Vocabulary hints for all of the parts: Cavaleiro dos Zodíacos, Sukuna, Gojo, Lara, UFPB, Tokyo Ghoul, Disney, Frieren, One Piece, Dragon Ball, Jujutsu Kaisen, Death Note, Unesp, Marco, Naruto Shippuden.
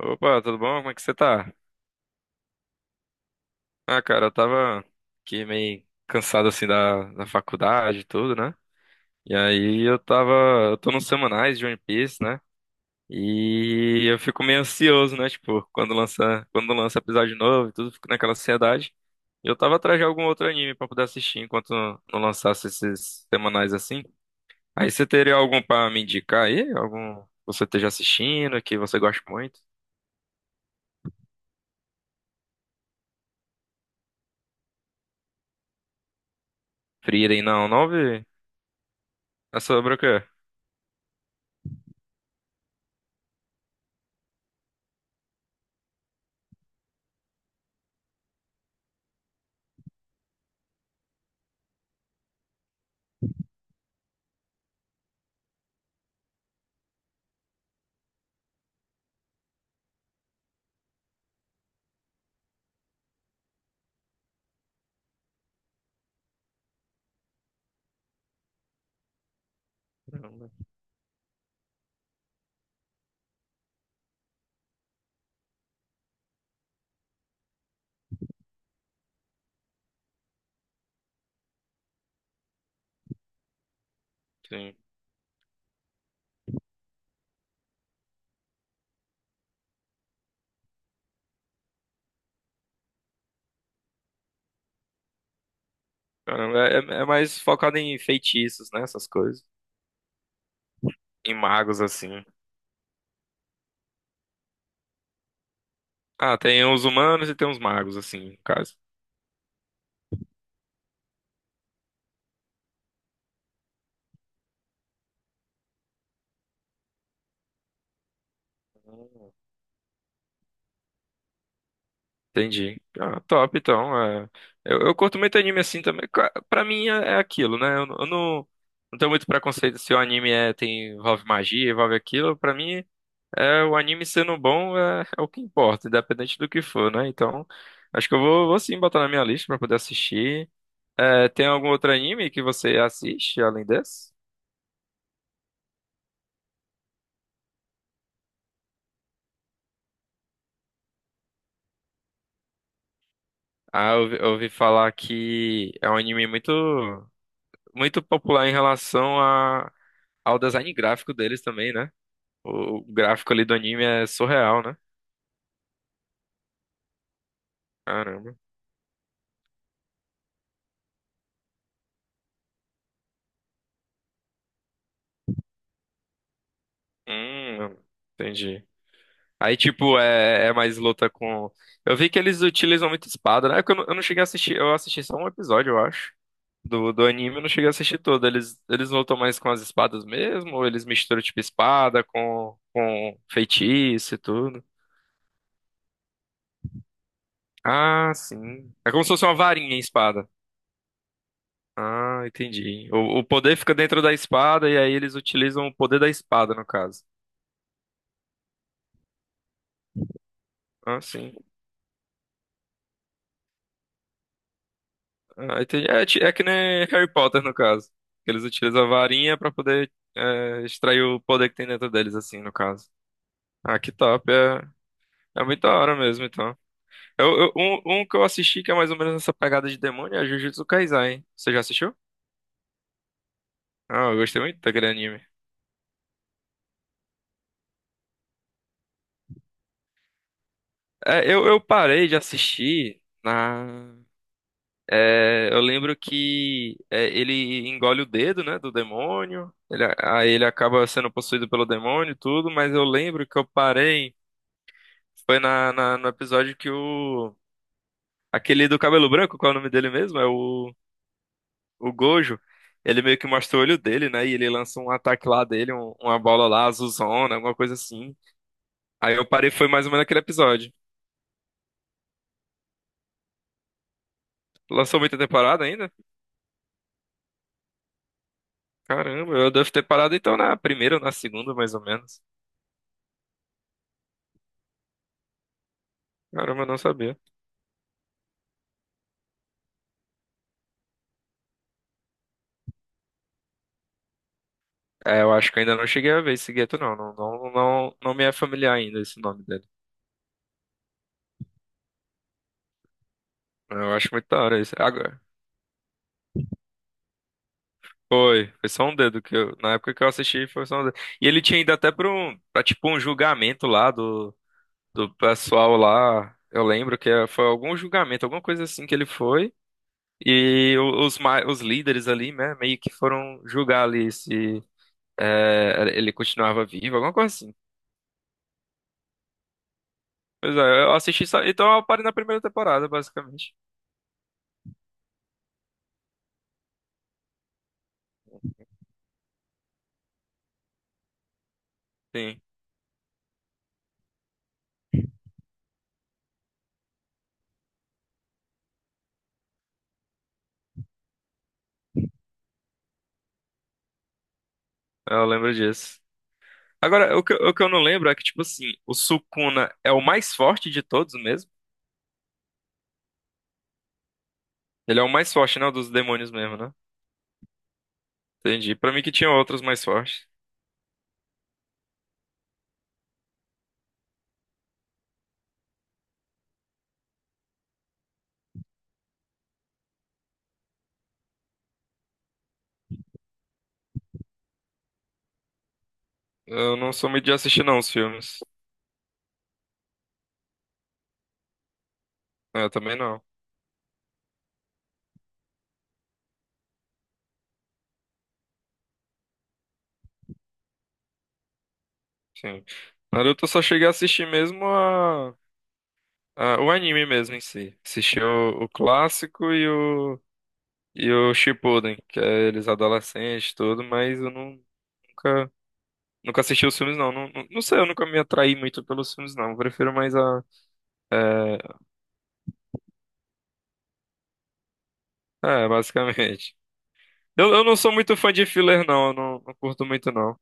Opa, tudo bom? Como é que você tá? Ah, cara, eu tava aqui meio cansado assim da faculdade e tudo, né? E aí eu tava. Eu tô nos semanais de One Piece, né? E eu fico meio ansioso, né? Tipo, quando lança episódio novo e tudo, fico naquela ansiedade. E eu tava atrás de algum outro anime pra poder assistir enquanto não lançasse esses semanais assim. Aí você teria algum pra me indicar aí? Algum que você esteja assistindo, que você goste muito? Frieren não vi. É sobre o quê? Sim. Caramba, é mais focado em feitiços, né? Essas coisas. Em magos, assim. Ah, tem os humanos e tem os magos, assim, no caso. Hum. Entendi. Ah, top, então. Eu curto muito anime assim também. Pra mim é aquilo, né? Eu não não tenho muito preconceito se o anime envolve magia, envolve aquilo. Pra mim, o anime sendo bom é o que importa, independente do que for, né? Então, acho que vou sim botar na minha lista pra poder assistir. É, tem algum outro anime que você assiste além desse? Ah, eu ouvi falar que é um anime muito popular em relação a, ao design gráfico deles também, né? O gráfico ali do anime é surreal, né? Caramba. Hum, entendi. Aí, tipo, é mais luta com. Eu vi que eles utilizam muito espada, né? É que eu não cheguei a assistir, eu assisti só um episódio, eu acho. Do anime, eu não cheguei a assistir todo. Eles lutam mais com as espadas mesmo? Ou eles misturam, tipo, espada com feitiço e tudo? Ah, sim. É como se fosse uma varinha em espada. Ah, entendi. O poder fica dentro da espada e aí eles utilizam o poder da espada, no caso. Ah, sim. Ah, entendi. É que nem Harry Potter, no caso. Eles utilizam a varinha pra poder extrair o poder que tem dentro deles, assim, no caso. Ah, que top. É, é muito da hora mesmo, então. Um que eu assisti que é mais ou menos essa pegada de demônio é Jujutsu Kaisen, hein? Você já assistiu? Ah, eu gostei muito daquele anime. Eu parei de assistir na. É, eu lembro que ele engole o dedo, né, do demônio. Ele acaba sendo possuído pelo demônio e tudo, mas eu lembro que eu parei. No episódio que o. Aquele do cabelo branco, qual é o nome dele mesmo? O Gojo. Ele meio que mostra o olho dele, né? E ele lança um ataque lá dele, uma bola lá, azulzona, alguma coisa assim. Aí eu parei, foi mais ou menos aquele episódio. Lançou muita temporada ainda? Caramba, eu devo ter parado então na primeira ou na segunda, mais ou menos. Caramba, eu não sabia. É, eu acho que eu ainda não cheguei a ver esse gueto, não. Não me é familiar ainda esse nome dele. Eu acho muito da hora isso. Agora, foi, foi só um dedo que eu, na época que eu assisti, foi só um dedo. E ele tinha ido até pra, tipo um julgamento lá do pessoal lá. Eu lembro que foi algum julgamento, alguma coisa assim que ele foi. E os líderes ali, né, meio que foram julgar ali se ele continuava vivo, alguma coisa assim. Pois é, eu assisti só. Então eu parei na primeira temporada, basicamente. Sim. Eu lembro disso. Agora, o que eu não lembro é que, tipo assim, o Sukuna é o mais forte de todos mesmo? Ele é o mais forte, não, dos demônios mesmo, né? Entendi. Pra mim que tinha outros mais fortes. Eu não sou muito de assistir, não, os filmes. É, eu também não. Sim. Naruto eu só cheguei a assistir mesmo a, o anime mesmo em si. Assisti o clássico e o Shippuden, que é eles adolescentes e tudo, mas eu não, nunca, nunca assisti os filmes, não. Não sei, eu nunca me atraí muito pelos filmes, não. Eu prefiro mais a é, é, basicamente. Eu não sou muito fã de filler, não. Eu não, não curto muito, não.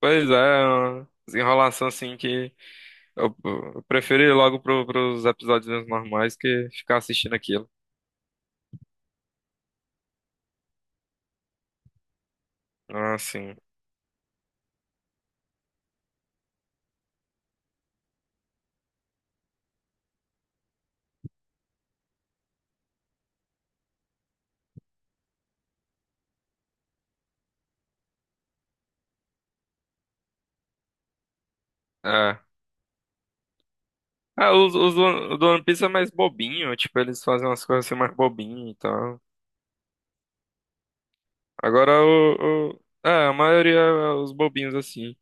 Pois é, é uma desenrolação assim que eu, eu prefiro ir logo pros episódios normais que ficar assistindo aquilo. Ah, sim. É. Ah, o do One Piece é mais bobinho, tipo, eles fazem umas coisas assim mais bobinho e tal. É, a maioria é os bobinhos assim.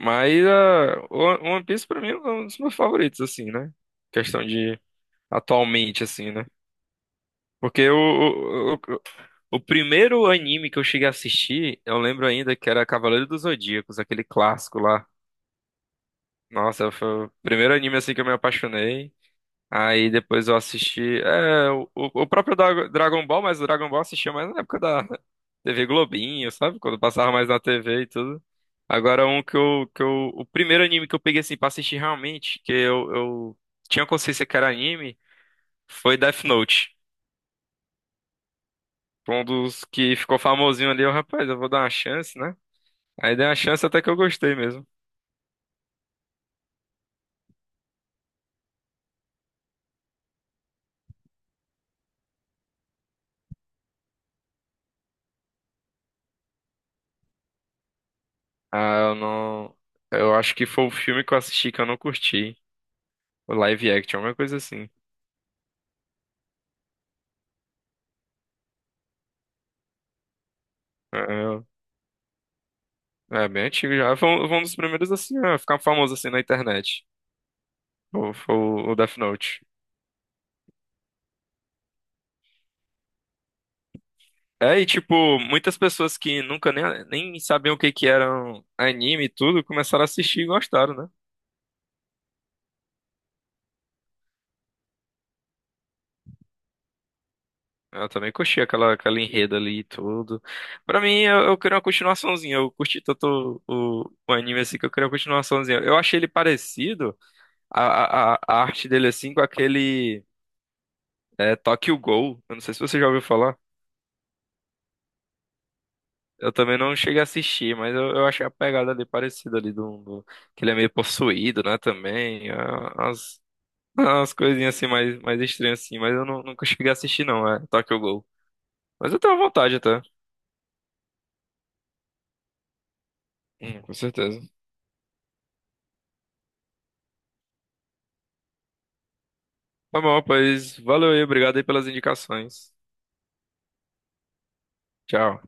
Mas ah, o One Piece pra mim é um dos meus favoritos, assim, né? Questão de atualmente, assim, né? Porque o primeiro anime que eu cheguei a assistir, eu lembro ainda que era Cavaleiro dos Zodíacos, aquele clássico lá. Nossa, foi o primeiro anime assim que eu me apaixonei. Aí depois eu assisti. O próprio Dragon Ball, mas o Dragon Ball eu assistia mais na época da TV Globinho, sabe? Quando passava mais na TV e tudo. Agora um que eu, que eu. O primeiro anime que eu peguei assim pra assistir realmente, que eu tinha consciência que era anime, foi Death Note. Um dos que ficou famosinho ali, eu, rapaz, eu vou dar uma chance, né? Aí dei uma chance até que eu gostei mesmo. Ah, eu não. Eu acho que foi o filme que eu assisti que eu não curti. O live action, alguma coisa assim. É, é é bem antigo já. Foi um dos primeiros assim, a ficar famoso assim na internet. Foi, foi o Death Note. É, e tipo, muitas pessoas que nunca nem, nem sabiam o que que eram anime e tudo, começaram a assistir e gostaram, né? Eu também curti aquela enredo ali e tudo. Pra mim, eu queria uma continuaçãozinha. Eu curti tanto o anime assim que eu queria uma continuaçãozinha. Eu achei ele parecido, a arte dele assim, com aquele Tokyo Ghoul. Eu não sei se você já ouviu falar. Eu também não cheguei a assistir, mas eu achei a pegada ali parecida ali que ele é meio possuído, né, também. Ah, as coisinhas assim mais estranhas assim, mas eu não- nunca cheguei a assistir não, é Tokyo Ghoul. Mas eu tenho vontade até. Com certeza. Tá bom, pois valeu aí, obrigado aí pelas indicações. Tchau.